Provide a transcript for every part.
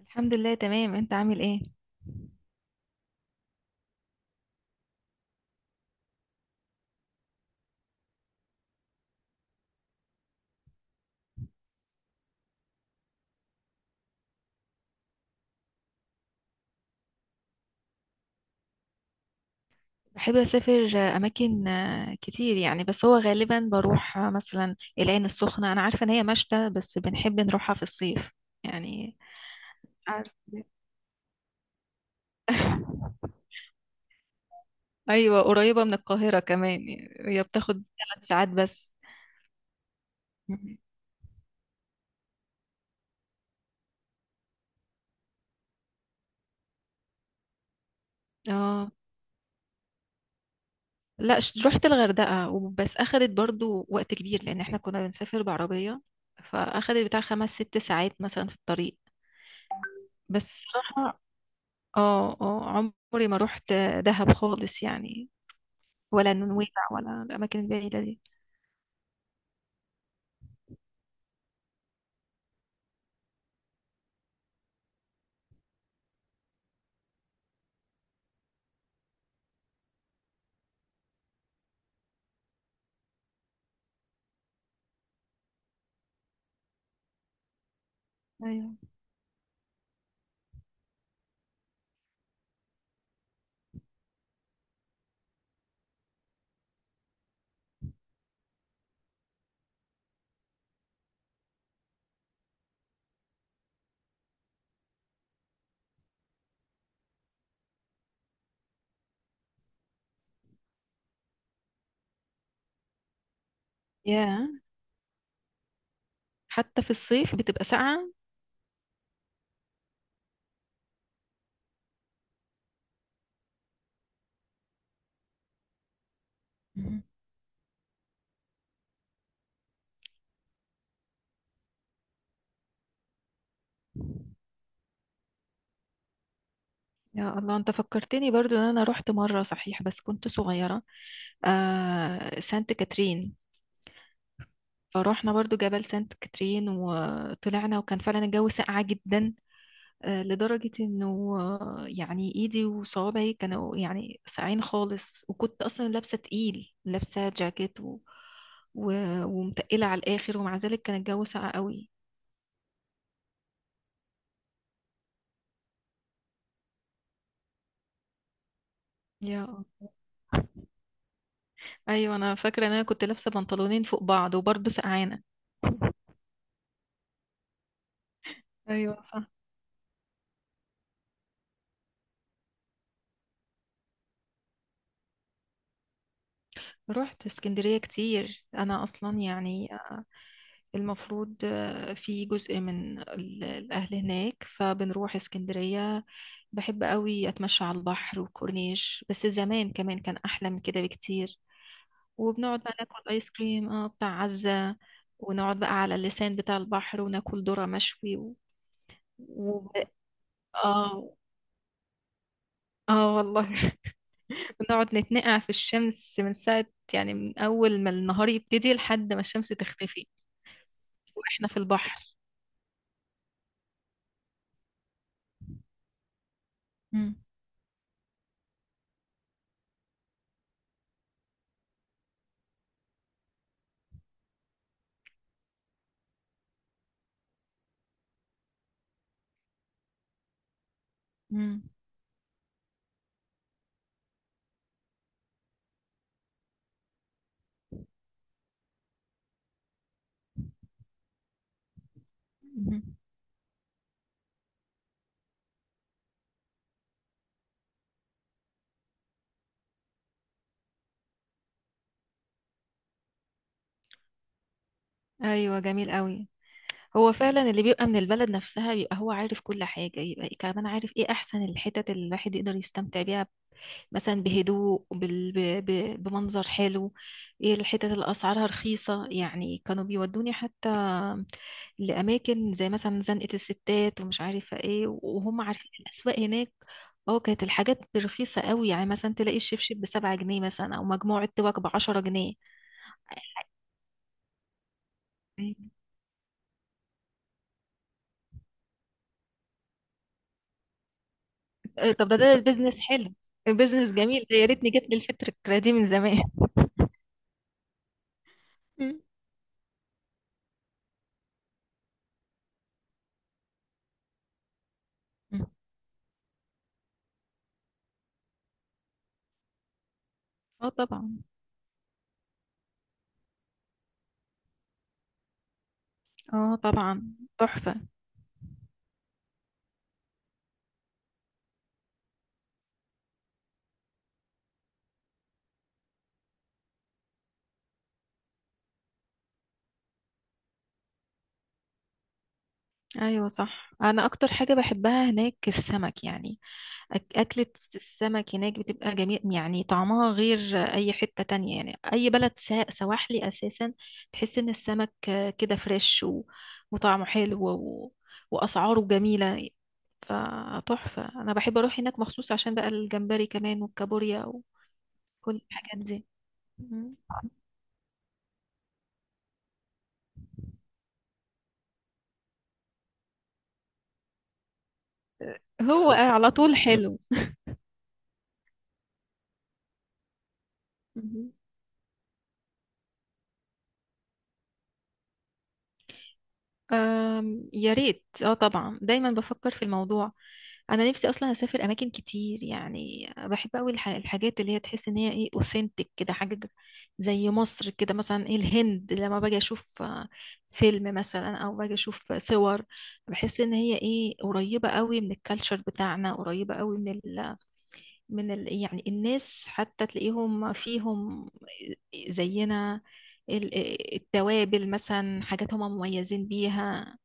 الحمد لله تمام، انت عامل ايه؟ بحب اسافر اماكن كتير يعني، بس هو غالبا بروح مثلا العين السخنة. انا عارفة ان هي مشتى بس بنحب نروحها في الصيف يعني. عارفة. ايوه، قريبة من القاهرة كمان، يعني هي بتاخد 3 ساعات بس. مهم. اه، لا. رحت الغردقة وبس، اخدت برضو وقت كبير لان احنا كنا بنسافر بعربية، فاخدت بتاع خمس ست ساعات مثلا في الطريق. بس الصراحة. اه، اه. عمري ما روحت دهب خالص يعني، ولا نويبع، ولا الأماكن البعيدة دي. ايوه. يا، حتى في الصيف بتبقى ساقعة. مهم. يا الله، انت فكرتني برضو ان انا رحت مرة، صحيح بس كنت صغيرة. سانت كاترين. فروحنا برضو جبل سانت كاترين وطلعنا، وكان فعلا الجو ساقعة جدا، لدرجة انه يعني ايدي وصوابعي كانوا يعني ساقعين خالص، وكنت اصلا لابسة تقيل، لابسة جاكيت و... ومتقلة على الاخر، ومع ذلك كان الجو ساقع قوي. يا الله. ايوه، انا فاكرة ان انا كنت لابسة بنطلونين فوق بعض وبرضه سقعانة. ايوه صح. رحت اسكندرية كتير انا اصلا، يعني المفروض في جزء من الأهل هناك، فبنروح اسكندرية. بحب قوي أتمشى على البحر وكورنيش، بس زمان كمان كان أحلى من كده بكتير. وبنقعد بقى ناكل آيس كريم، اه، بتاع عزة. ونقعد بقى على اللسان بتاع البحر وناكل ذرة مشوي و... اه، اه والله. بنقعد نتنقع في الشمس من ساعة، يعني من أول ما النهار يبتدي لحد ما الشمس تختفي واحنا في البحر. مم. مم. مم. ايوه، جميل قوي. هو فعلا اللي بيبقى من البلد نفسها بيبقى هو عارف كل حاجة، يبقى كمان عارف ايه احسن الحتت اللي الواحد يقدر يستمتع بيها، مثلا بهدوء، بمنظر حلو، ايه الحتت اللي اسعارها رخيصة. يعني كانوا بيودوني حتى لاماكن، زي مثلا زنقة الستات ومش عارفة ايه، وهم عارفين الاسواق هناك. اه، كانت الحاجات رخيصة قوي، يعني مثلا تلاقي الشبشب بـ7 جنيه مثلا، او مجموعة توك بـ10 جنيه. طب ده بيزنس حلو. بيزنس جميل ده، يا ريتني جت لي الفكرة دي من زمان. مم. مم. اه طبعا. اه طبعا. تحفة. ايوه صح، انا اكتر حاجة بحبها هناك السمك يعني. اكلة السمك هناك بتبقى جميل، يعني طعمها غير اي حتة تانية، يعني اي بلد سواحلي اساسا. تحس ان السمك كده فريش وطعمه حلو واسعاره جميلة، فتحفة. انا بحب اروح هناك مخصوص عشان بقى الجمبري كمان والكابوريا، كل الحاجات دي. مم. هو على طول حلو. مم. يا ريت. اه طبعا، دايما بفكر في الموضوع. انا نفسي اصلا اسافر اماكن كتير، يعني بحب قوي الحاجات اللي هي تحس ان هي ايه، اوثنتك كده، حاجه زي مصر كده مثلا، ايه، الهند لما باجي اشوف فيلم مثلا، او باجي اشوف صور، بحس ان هي ايه قريبه قوي من الكالتشر بتاعنا، قريبه قوي يعني الناس حتى تلاقيهم فيهم زينا. التوابل مثلا، حاجات هم مميزين بيها.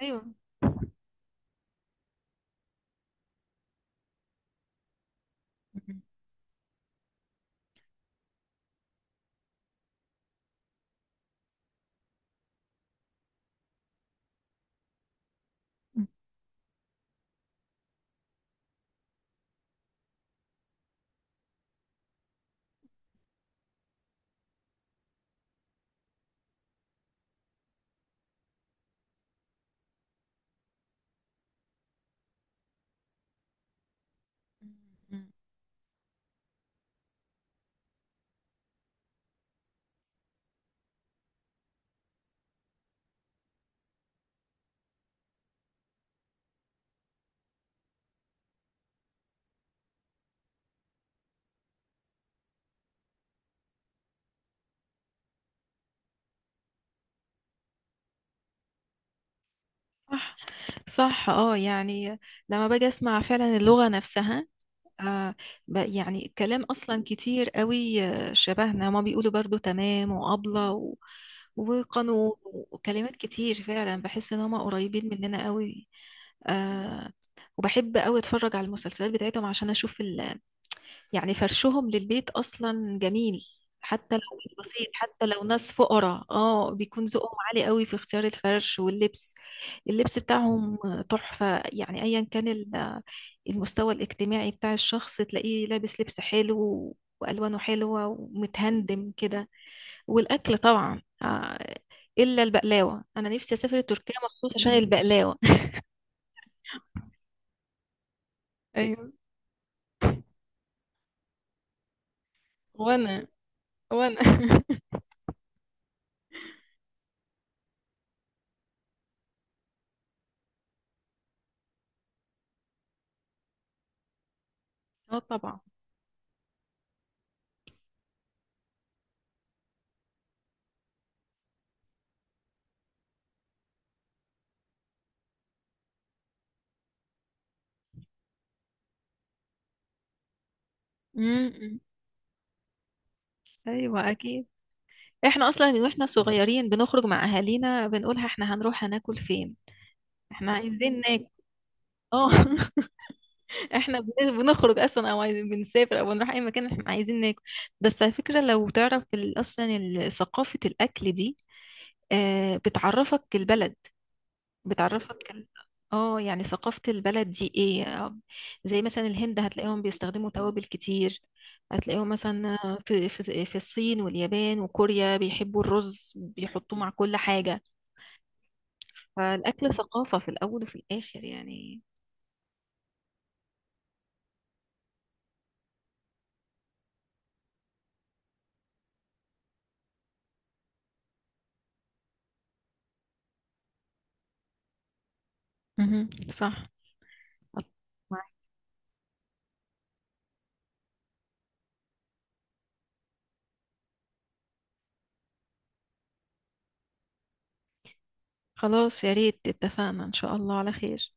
ايوه صح. صح، اه يعني لما باجي اسمع فعلا اللغة نفسها. آه يعني كلام اصلا كتير قوي شبهنا، ما بيقولوا برضو تمام وابلة وقانون وكلمات كتير، فعلا بحس ان هم قريبين مننا قوي. آه وبحب قوي اتفرج على المسلسلات بتاعتهم عشان اشوف يعني فرشهم للبيت اصلا جميل، حتى لو بسيط، حتى لو ناس فقراء، اه، بيكون ذوقهم عالي قوي في اختيار الفرش واللبس. اللبس بتاعهم تحفة يعني، ايا كان المستوى الاجتماعي بتاع الشخص تلاقيه لابس لبس حلو والوانه حلوة ومتهندم كده. والاكل طبعا، الا البقلاوة، انا نفسي اسافر تركيا مخصوص عشان البقلاوة. ايوه. وانا وانا. اه طبعا. امم. ايوه اكيد. احنا اصلا واحنا صغيرين بنخرج مع اهالينا بنقولها، احنا هنروح هناكل فين، احنا عايزين ناكل. اه. احنا بنخرج اصلا، او عايزين بنسافر، او بنروح اي مكان، احنا عايزين ناكل. بس على فكره، لو تعرف اصلا ثقافه الاكل دي، بتعرفك البلد، بتعرفك اه يعني ثقافة البلد دي ايه. زي مثلا الهند هتلاقيهم بيستخدموا توابل كتير، هتلاقيهم مثلا في الصين واليابان وكوريا بيحبوا الرز بيحطوه مع كل حاجة. فالأكل ثقافة في الأول وفي الآخر يعني. مهم. صح. أتفق معاك. خلاص يا ريت، اتفقنا إن شاء الله على خير.